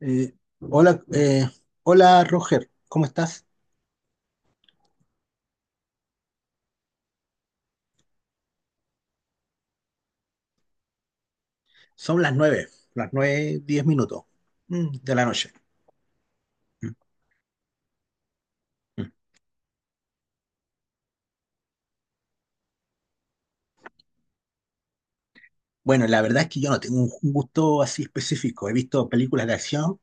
Eh, hola, hola Roger, ¿cómo estás? Son las nueve, diez minutos de la noche. Mm, mm. Bueno, la verdad es que yo no tengo un gusto así específico. He visto películas de acción,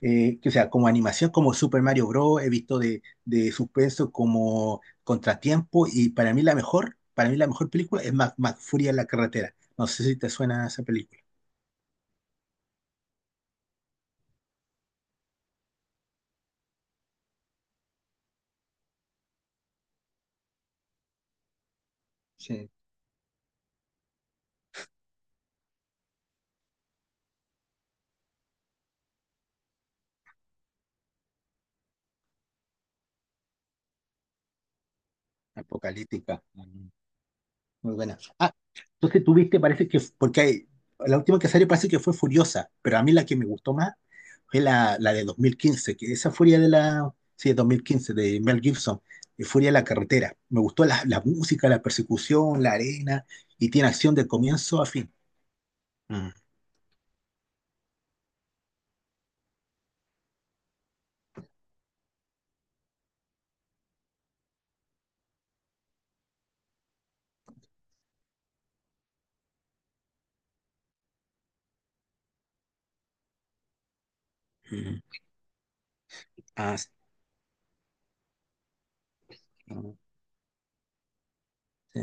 que, o sea, como animación, como Super Mario Bros. He visto de suspenso como Contratiempo, y para mí la mejor, para mí la mejor película es Mac, Furia en la carretera. No sé si te suena esa película. Sí, apocalíptica. Muy buena. Ah, entonces tuviste, parece que, porque la última que salió parece que fue Furiosa, pero a mí la que me gustó más fue la de 2015, que esa Furia de la, sí, de 2015, de Mel Gibson, de Furia de la Carretera. Me gustó la música, la persecución, la arena, y tiene acción de comienzo a fin. Mm, mm. Ah, sí, mm, sí,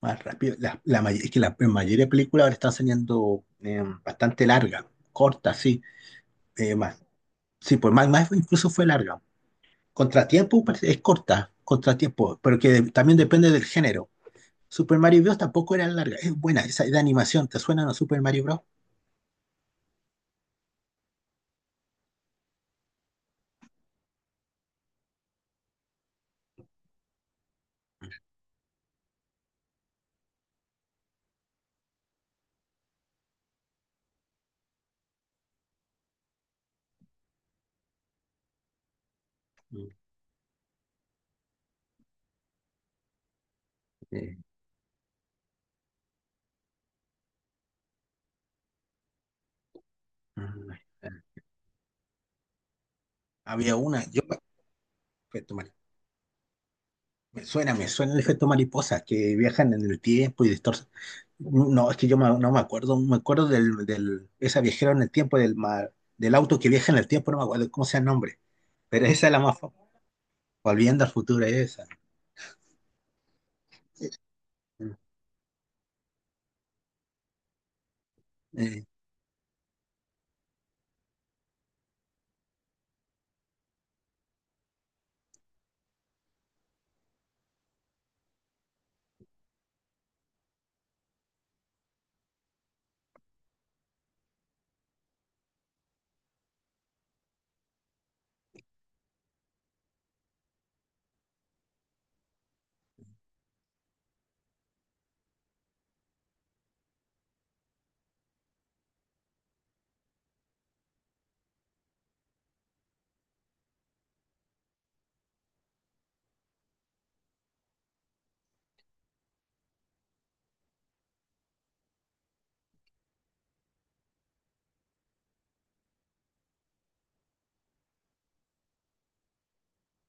más rápido. Es que la mayoría de películas ahora están saliendo bastante larga, corta, sí, más. Sí, pues más, más incluso fue larga. Contratiempo pues, es corta, contratiempo, pero que también depende del género. Super Mario Bros. Tampoco era larga, es buena esa de animación, ¿te suena a Super Mario Bros? Mm, eh, Mm, eh. Había una, yo, efecto mari- me suena el efecto mariposa, que viajan en el tiempo y distorsionan. No, es que yo no me acuerdo, me acuerdo del esa viajera en el tiempo, del auto que viaja en el tiempo, no me acuerdo cómo sea el nombre, pero esa es la más famosa, Volviendo al futuro, esa. mm, Eh,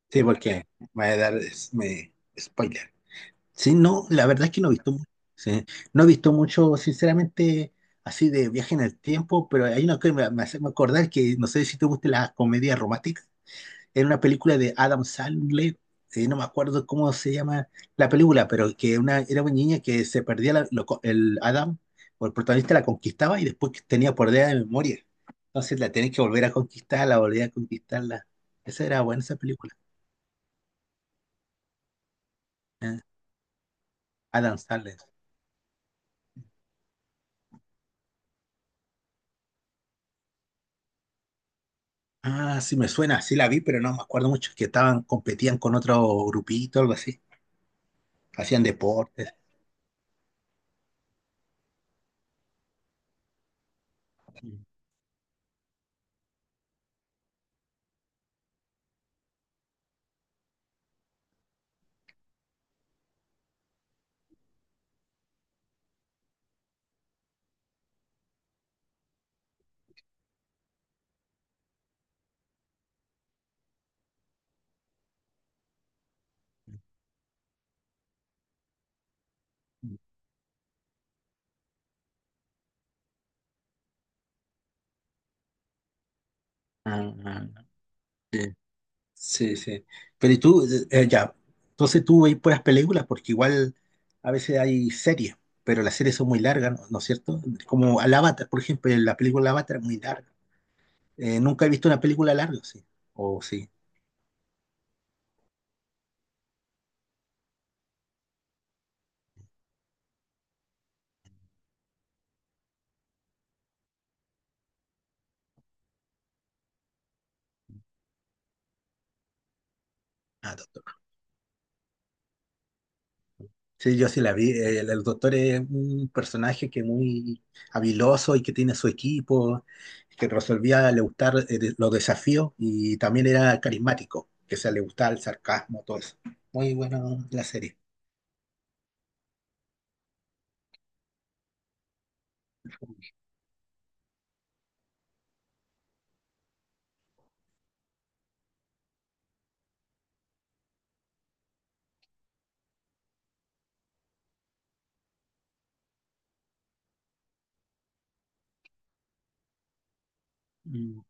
sí, porque me va a dar spoiler. Sí, no, la verdad es que no he visto, sí, no he visto mucho, sinceramente, así de viaje en el tiempo, pero hay una que me hace acordar que no sé si te gustan las comedias románticas. Era una película de Adam Sandler, no me acuerdo cómo se llama la película, pero que una, era una niña que se perdía el Adam, o el protagonista la conquistaba, y después que tenía pérdida de memoria. Entonces la tenés que volver a conquistar, la volver a conquistarla. Esa era buena esa película, eh, Adam Sandler. Ah, sí me suena, sí la vi, pero no me acuerdo mucho, que estaban, competían con otro grupito, algo así, hacían deportes. Ah, ah, sí, sí, sí. Pero y tú, ya, entonces tú veis puras películas, porque igual a veces hay series, pero las series son muy largas, ¿no es cierto? Como al Avatar, por ejemplo, la película Avatar es muy larga. Nunca he visto una película larga, sí. O sí. Ah, sí, yo sí la vi. El doctor es un personaje que muy habiloso, y que tiene su equipo, que resolvía le gustar los desafíos, y también era carismático, que se le gustaba el sarcasmo, todo eso. Muy buena la serie. Mm,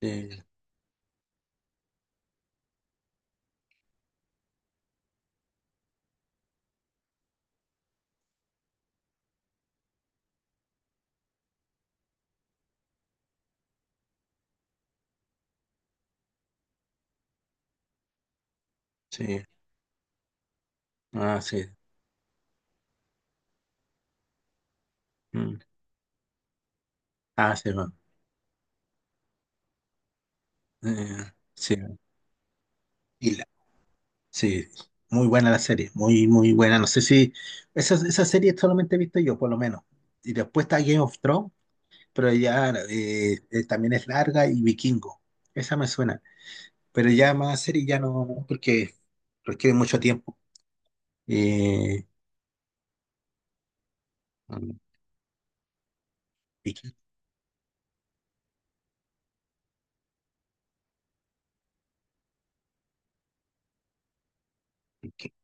sí, sí. Ah, sí. Mm. Ah, sí, va. Sí. Y la- sí, muy buena la serie, muy, muy buena. No sé si esa, esa serie solamente he visto yo, por lo menos. Y después está Game of Thrones. Pero ya también es larga, y Vikingo. Esa me suena. Pero ya más serie ya no, no, porque requiere mucho tiempo. Eh, mm, Viking- Viking-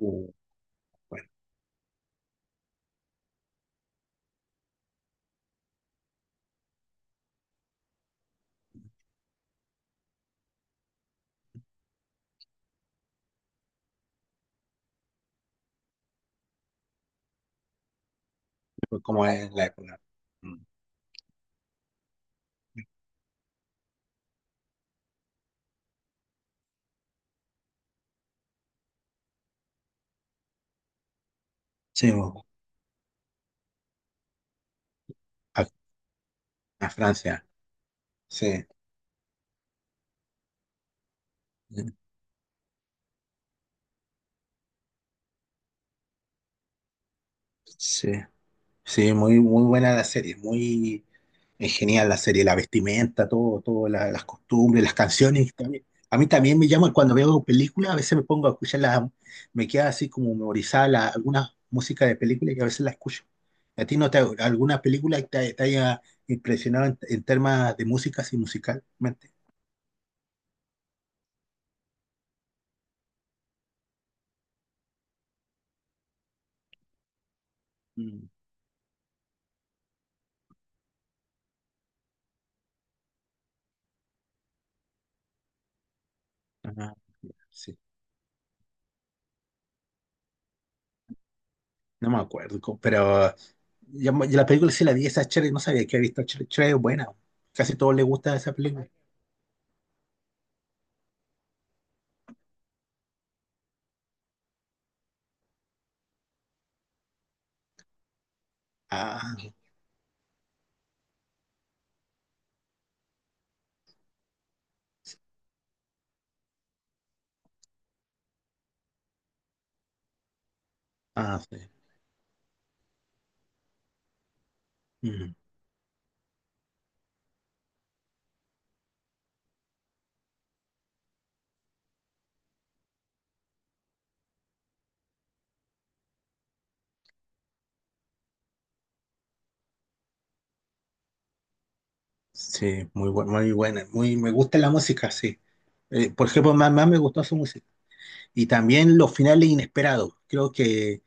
uh, bueno, fue como es la época. Mm. Sí, bo, a, a Francia. Sí, mm, sí, sí, muy, muy buena la serie. Muy, es genial la serie, la vestimenta, todo, las costumbres, las canciones. También. A mí también me llama cuando veo películas, a veces me pongo a escucharlas, me queda así como memorizada alguna música de película y a veces la escucho. ¿A ti no te alguna película que te haya impresionado en temas de música, así musicalmente? Mm, ajá. Sí, no me acuerdo, pero ya la película sí la vi, esa Cher, no sabía que había visto Cher, Cher es buena, casi todos les gusta esa película. Ah, ah, sí. Mm. Sí, muy buena, muy buena. Muy, me gusta la música, sí. Por ejemplo, más, más me gustó su música. Y también los finales inesperados. Creo que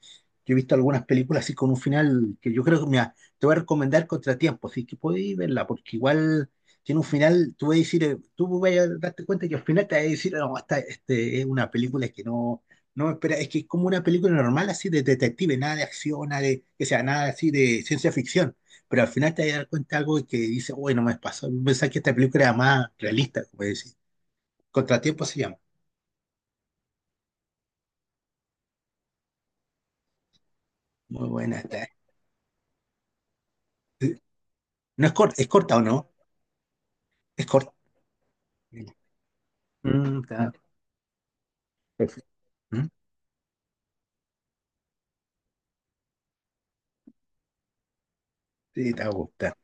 yo he visto algunas películas así con un final que yo creo que, mira, te voy a recomendar Contratiempo, así que podéis verla, porque igual tiene un final, tú vas a decir, tú vas a darte cuenta que al final te vas a decir, no, esta este, es una película que no, no me espera, es que es como una película normal así de detective, nada de acción, nada de, que sea nada así de ciencia ficción, pero al final te vas a dar cuenta de algo que dice, uy, no me pasó, pensaba que esta película era más realista, como decir. Contratiempo se llama. Muy buena esta. ¿Eh? No es corta, es corta o no, es corta. Mm, está perfecto. Mm, sí, está gusta.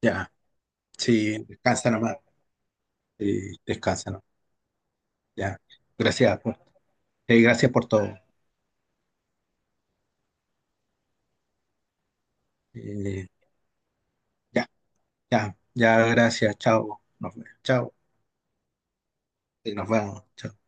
Ya, sí, descansa nomás. Sí, descansa nomás. Ya. Gracias por, gracias por todo. Eh, ya, ya, ya, gracias. Chao. Nos, chao. Y nos vemos. Chao.